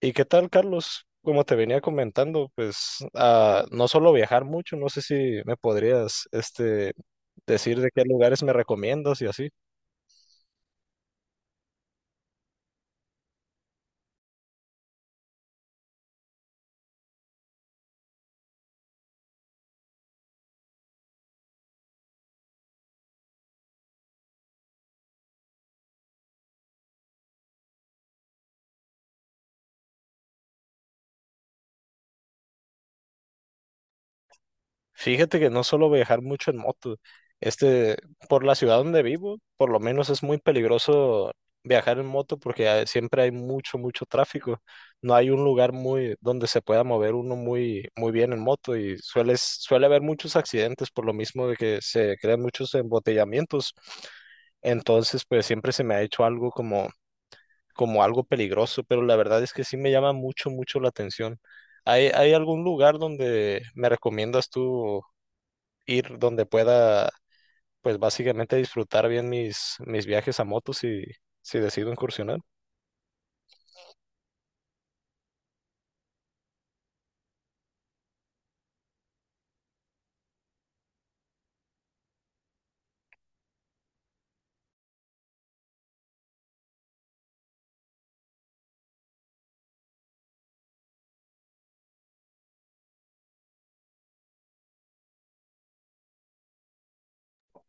¿Y qué tal, Carlos? Como te venía comentando, pues no solo viajar mucho, no sé si me podrías decir de qué lugares me recomiendas y así. Fíjate que no suelo viajar mucho en moto. Este, por la ciudad donde vivo, por lo menos es muy peligroso viajar en moto porque siempre hay mucho tráfico. No hay un lugar muy donde se pueda mover uno muy bien en moto y suele haber muchos accidentes por lo mismo de que se crean muchos embotellamientos. Entonces, pues siempre se me ha hecho algo como algo peligroso, pero la verdad es que sí me llama mucho la atención. Hay algún lugar donde me recomiendas tú ir donde pueda, pues básicamente disfrutar bien mis viajes a moto si decido incursionar?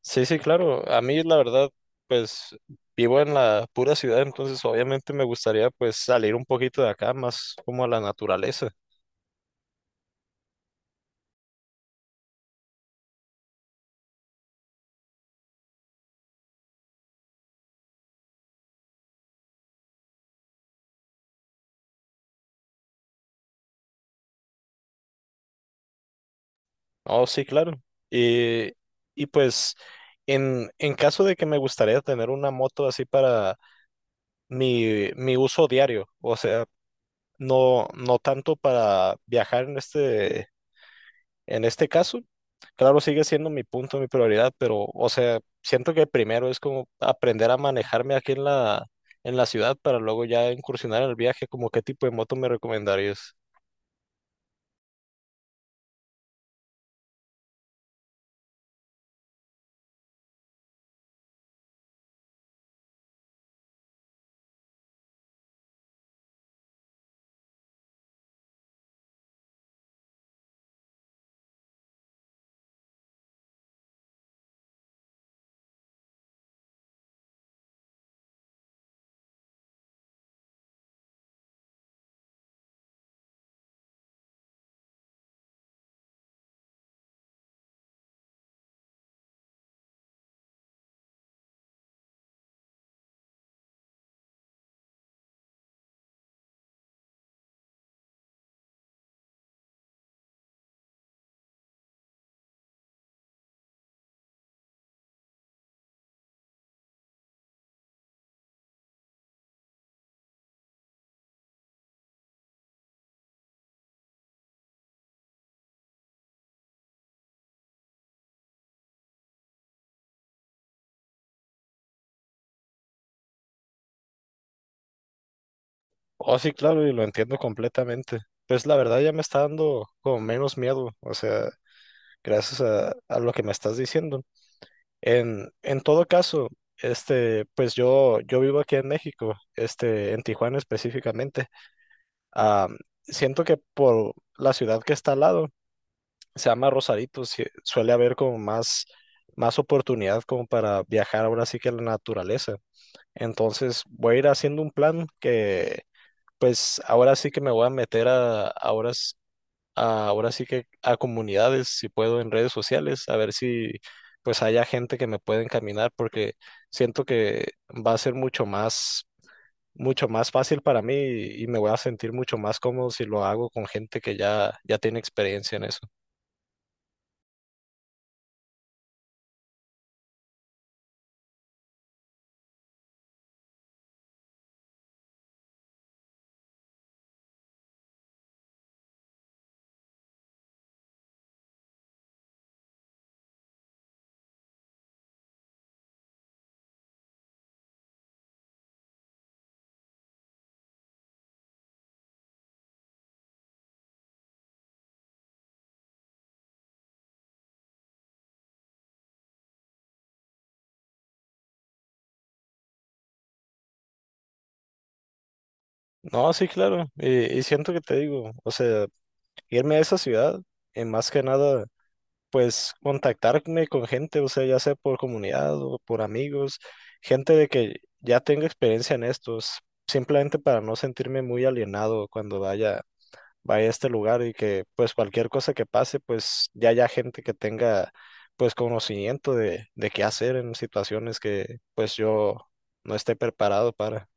Sí, sí, claro. A mí la verdad, pues vivo en la pura ciudad, entonces obviamente me gustaría pues salir un poquito de acá, más como a la naturaleza. Oh, sí, claro. Y, y pues en caso de que me gustaría tener una moto así para mi uso diario, o sea, no tanto para viajar en este. En este caso, claro, sigue siendo mi punto, mi prioridad, pero, o sea, siento que primero es como aprender a manejarme aquí en en la ciudad para luego ya incursionar en el viaje, como qué tipo de moto me recomendarías. Oh, sí, claro, y lo entiendo completamente. Pues la verdad ya me está dando como menos miedo, o sea, gracias a lo que me estás diciendo. En todo caso, pues yo vivo aquí en México, este, en Tijuana específicamente. Ah, siento que por la ciudad que está al lado, sea más rosadito, sí, suele haber como más oportunidad como para viajar ahora sí que a la naturaleza. Entonces voy a ir haciendo un plan que pues ahora sí que me voy a meter a, ahora, s- a- ahora sí que a comunidades, si puedo, en redes sociales, a ver si pues haya gente que me pueda encaminar porque siento que va a ser mucho mucho más fácil para mí y me voy a sentir mucho más cómodo si lo hago con gente que ya tiene experiencia en eso. No, sí, claro. Y siento que te digo, o sea, irme a esa ciudad, y más que nada, pues contactarme con gente, o sea, ya sea por comunidad o por amigos, gente de que ya tenga experiencia en estos, simplemente para no sentirme muy alienado cuando vaya a este lugar y que pues cualquier cosa que pase, pues ya haya gente que tenga pues conocimiento de qué hacer en situaciones que pues yo no esté preparado para.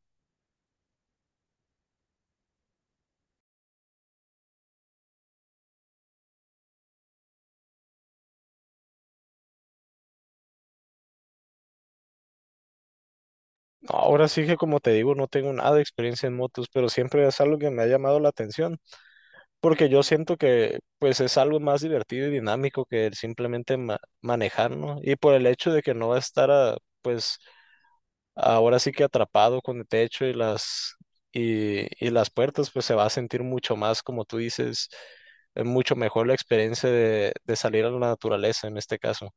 Ahora sí que como te digo, no tengo nada de experiencia en motos, pero siempre es algo que me ha llamado la atención, porque yo siento que pues es algo más divertido y dinámico que el simplemente manejar, ¿no? Y por el hecho de que no va a estar a, pues ahora sí que atrapado con el techo y y las puertas, pues se va a sentir mucho más, como tú dices, mucho mejor la experiencia de salir a la naturaleza en este caso.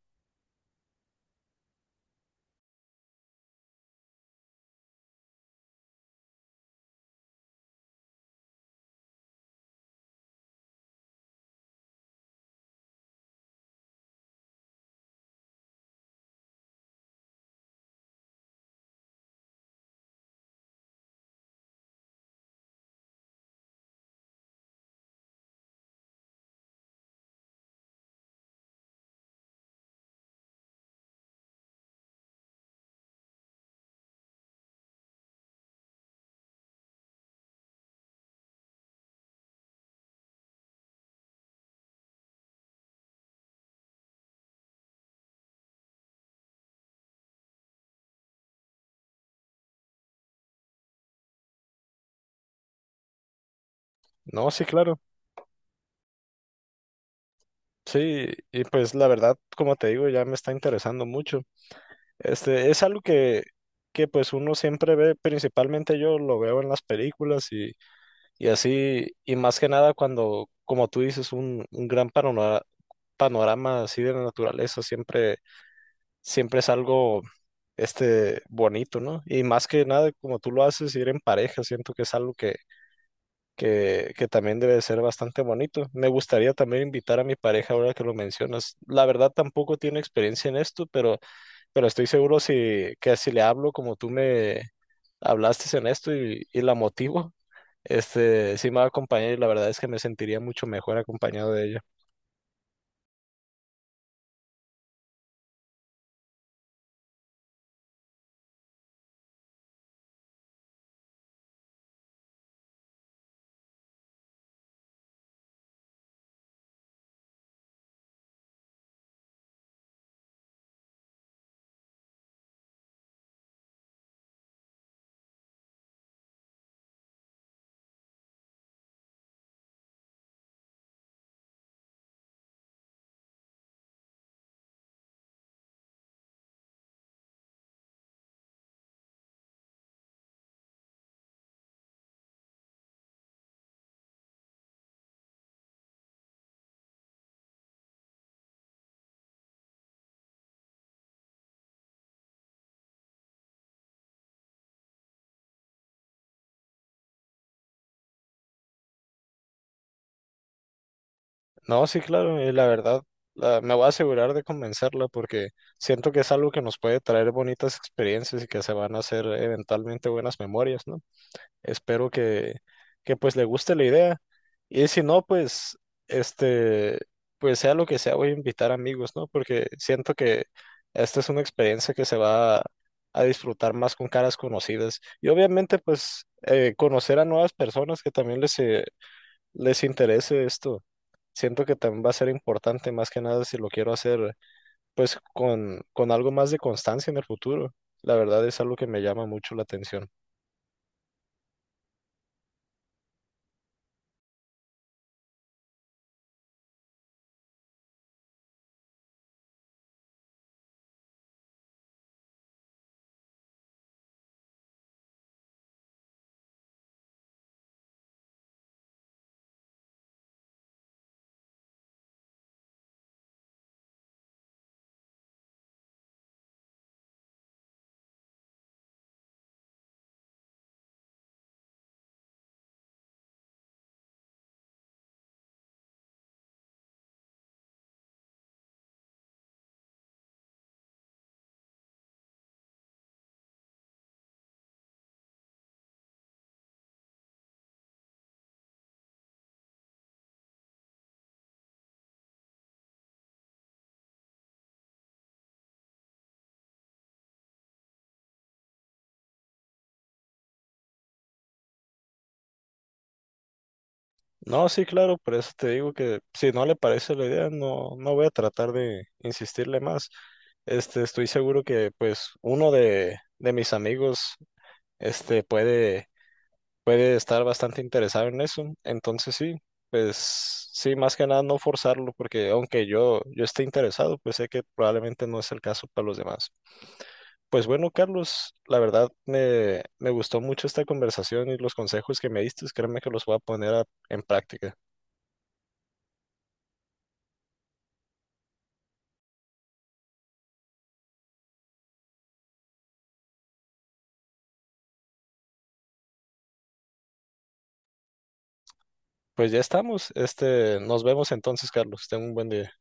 No, sí, claro. Sí, y pues la verdad, como te digo, ya me está interesando mucho. Es algo que pues uno siempre ve, principalmente yo lo veo en las películas y así, y más que nada cuando, como tú dices, un gran panorama así de la naturaleza siempre es algo bonito, ¿no? Y más que nada, como tú lo haces, ir en pareja, siento que es algo que también debe de ser bastante bonito. Me gustaría también invitar a mi pareja ahora que lo mencionas. La verdad tampoco tiene experiencia en esto, pero estoy seguro que si le hablo como tú me hablaste en esto y la motivo, sí me va a acompañar y la verdad es que me sentiría mucho mejor acompañado de ella. No, sí, claro, y la verdad, me voy a asegurar de convencerla porque siento que es algo que nos puede traer bonitas experiencias y que se van a hacer eventualmente buenas memorias, ¿no? Espero que pues le guste la idea. Y si no, pues, este, pues sea lo que sea, voy a invitar amigos, ¿no? Porque siento que esta es una experiencia que se va a disfrutar más con caras conocidas. Y obviamente, pues, conocer a nuevas personas que también les interese esto. Siento que también va a ser importante, más que nada, si lo quiero hacer, pues, con algo más de constancia en el futuro. La verdad es algo que me llama mucho la atención. No, sí, claro, por eso te digo que si no le parece la idea, no, no voy a tratar de insistirle más. Este, estoy seguro que pues uno de mis amigos este puede, puede estar bastante interesado en eso. Entonces sí, pues sí, más que nada no forzarlo, porque aunque yo esté interesado, pues sé que probablemente no es el caso para los demás. Pues bueno, Carlos, la verdad me gustó mucho esta conversación y los consejos que me diste, créeme que los voy a en práctica. Pues ya estamos. Este, nos vemos entonces, Carlos. Ten un buen día.